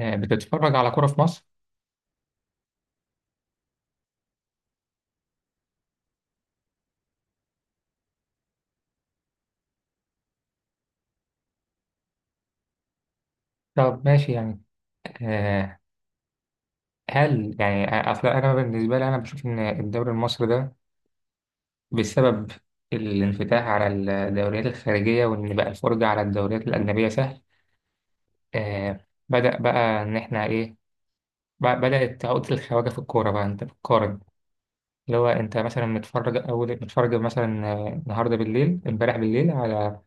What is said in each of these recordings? بتتفرج على كرة في مصر؟ طب ماشي يعني. آه، هل يعني أصل أنا بالنسبة لي أنا بشوف إن الدوري المصري ده بسبب الانفتاح على الدوريات الخارجية، وإن بقى الفرجة على الدوريات الأجنبية سهل. آه، بدأ بقى إن إحنا إيه، بدأت عقدة الخواجة في الكورة، بقى أنت بتقارن. اللي هو أنت مثلا متفرج، أول متفرج مثلا النهاردة بالليل، إمبارح بالليل على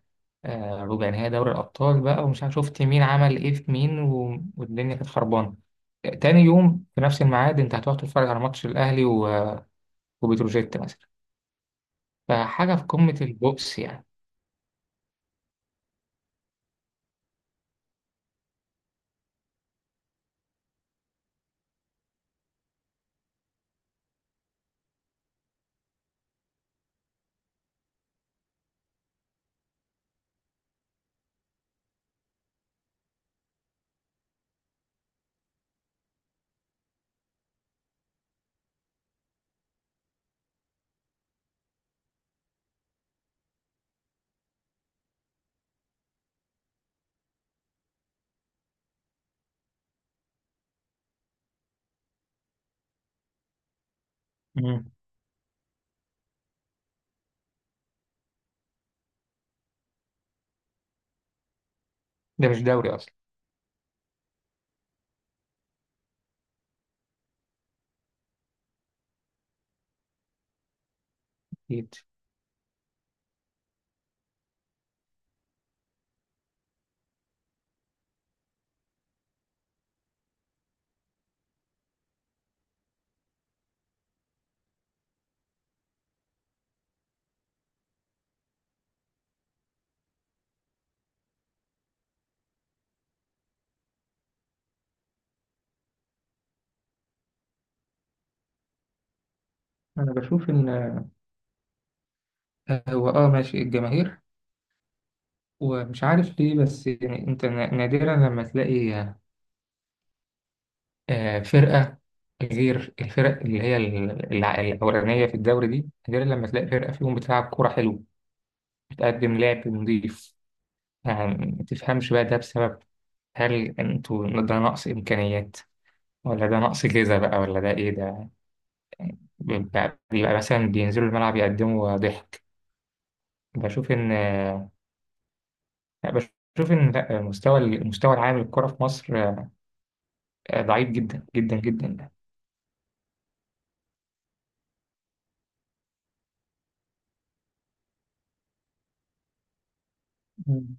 ربع نهائي دوري الأبطال، بقى ومش عارف شفت مين عمل إيه في مين والدنيا كانت خربانة. تاني يوم في نفس الميعاد أنت هتروح تتفرج على ماتش الأهلي وبتروجيت مثلا. فحاجة في قمة البؤس يعني. مم. ده مش دوري أصلا. أكيد. أنا بشوف إن هو ماشي الجماهير، ومش عارف ليه، بس يعني أنت نادرا لما تلاقي فرقة غير الفرق اللي هي الأولانية في الدوري دي. نادرا لما تلاقي فرقة فيهم بتلعب كورة حلوة، بتقدم لعب نظيف. يعني ما تفهمش بقى، ده بسبب، هل انتوا ده نقص إمكانيات، ولا ده نقص جيزة بقى، ولا ده إيه ده؟ بيبقى مثلا بينزلوا الملعب يقدموا ضحك. بشوف إن، لا بشوف إن لا، المستوى، العام للكرة في مصر ضعيف جدا جدا جدا. مم.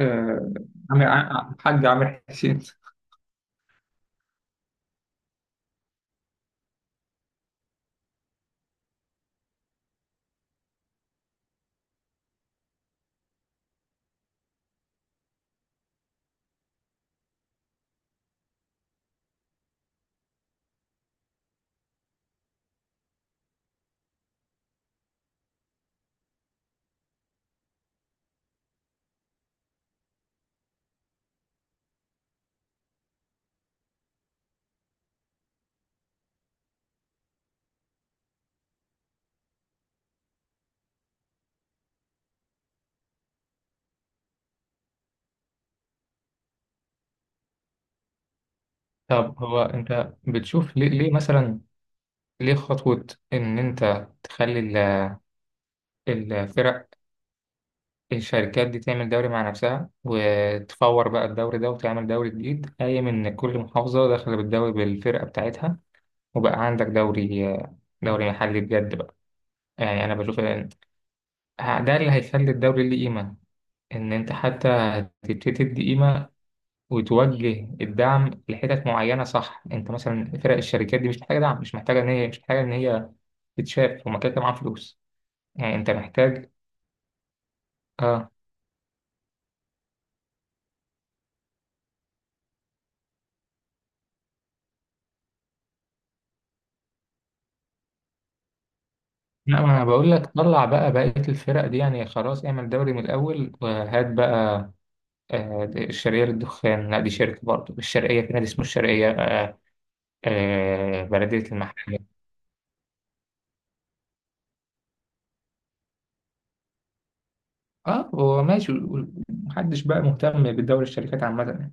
آه، حاج عامر حسين. طب هو أنت بتشوف ليه مثلا ليه خطوة، إن أنت تخلي الفرق، الشركات دي تعمل دوري مع نفسها، وتفور بقى الدوري ده، وتعمل دوري جديد قايم إن كل محافظة داخلة بالدوري بالفرقة بتاعتها، وبقى عندك دوري، دوري محلي بجد بقى. يعني أنا بشوف إن ده اللي هيخلي الدوري ليه قيمة، إن أنت حتى تبتدي تدي قيمة، وتوجه الدعم لحتت معينة. صح، أنت مثلا فرق الشركات دي مش محتاجة دعم، مش محتاجة إن هي، مش محتاجة إن هي تتشاف، هما كده كده معاهم فلوس. يعني أنت محتاج. آه لا، ما انا بقول لك طلع بقى بقية الفرق دي، يعني خلاص اعمل دوري من الاول وهات بقى الشرقية للدخان. لا دي شركة برضه، الشرقية في نادي اسمه الشرقية. بلدية المحلة. اه هو ماشي، محدش بقى مهتم بدوري الشركات عامة يعني.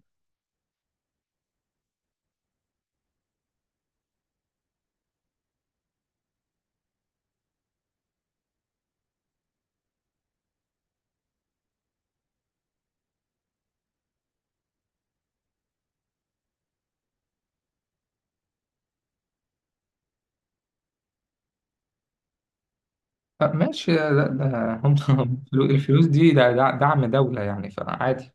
ماشي، ده هم. الفلوس دي، ده دعم دولة يعني، فعادي.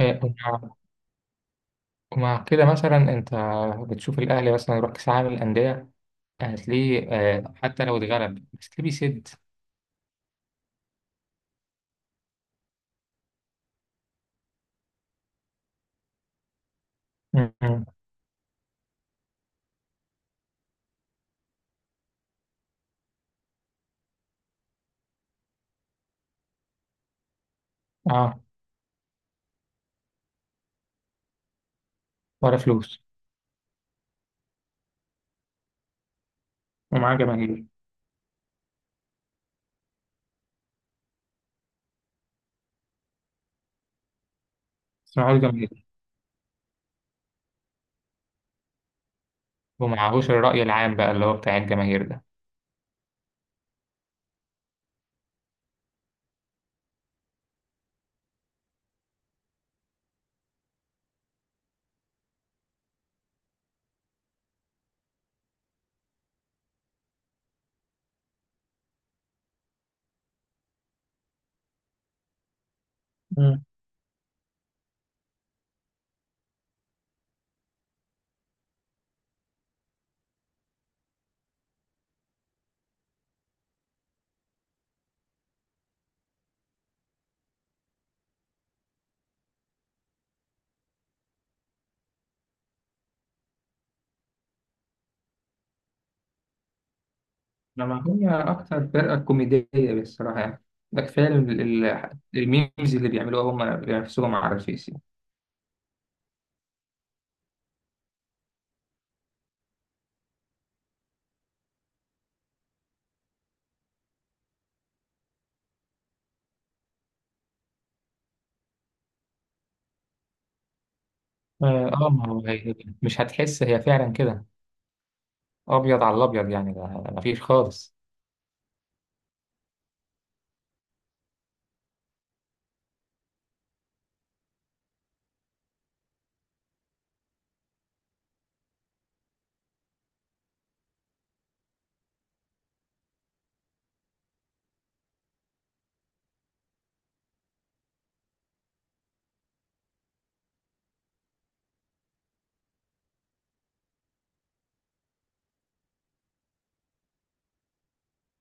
آه، ومع ومع كده مثلا انت بتشوف الاهلي مثلا يروح كاس العالم للاندية، هتلاقيه حتى لو اتغلب، بس ليه بيسد. مم. اه. ولا فلوس. ومعاه جماهير. بس معهوش جماهير. ومعهوش الرأي العام بقى اللي هو بتاع الجماهير ده. مم. لما هي أكتر فرقة كوميدية بالصراحة يعني، ده كفاية الميمز اللي بيعملوها هم بنفسهم على الفيس يعني. ما هو هي مش هتحس، هي فعلا كده أبيض على الأبيض. يعني ده، ده مفيش خالص.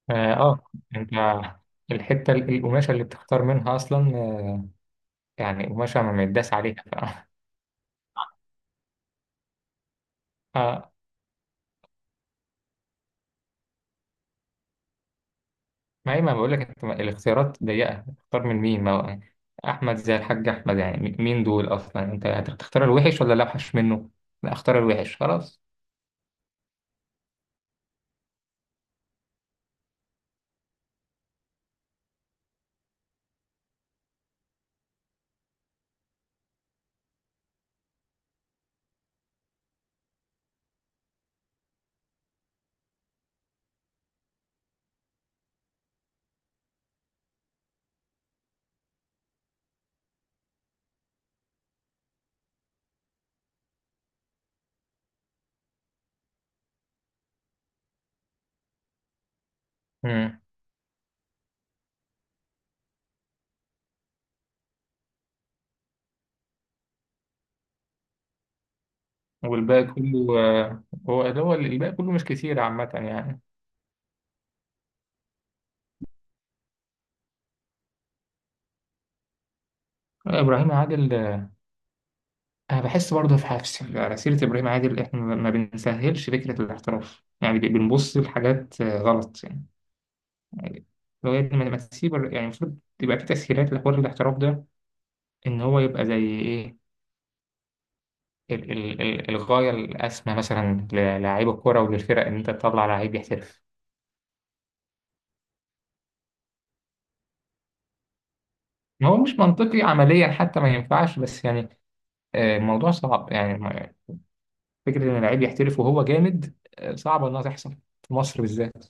اه آه، أنت القماشة اللي بتختار منها أصلا، يعني قماشة ما متداس عليها آه، ما هي ما بقول لك، انت الاختيارات ضيقه، اختار من مين؟ ما هو احمد زي الحاج احمد، يعني مين دول اصلا؟ انت هتختار الوحش ولا الاوحش منه؟ لا اختار الوحش خلاص. امم. والباقي كله آه، هو اللي هو الباقي كله مش كتير عامه يعني. ابراهيم عادل انا بحس برضه في حفص على سيره ابراهيم عادل، احنا ما بنسهلش فكره الاحتراف، يعني بنبص لحاجات غلط يعني. يعني لو يا ابني ما تسيب يعني المفروض تبقى في تسهيلات لحوار الاحتراف ده، ان هو يبقى زي ايه، الغاية الأسمى مثلا للاعيب الكرة وللفرق، إن أنت تطلع لعيب يحترف. هو مش منطقي عمليا، حتى ما ينفعش، بس يعني الموضوع صعب يعني فكرة إن اللعيب يحترف وهو جامد صعبة إنها تحصل في مصر بالذات.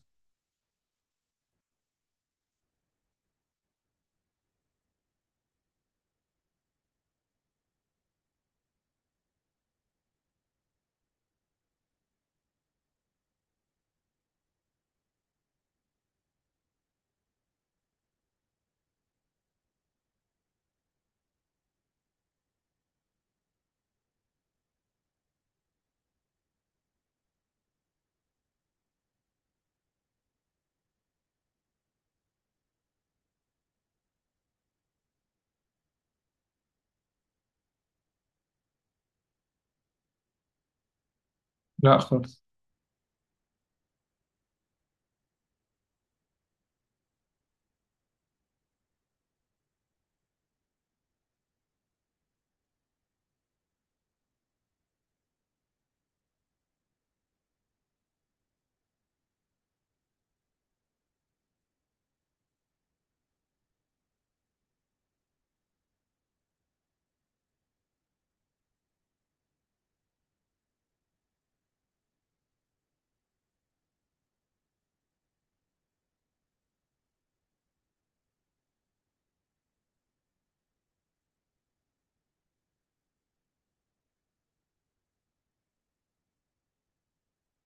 لا خالص.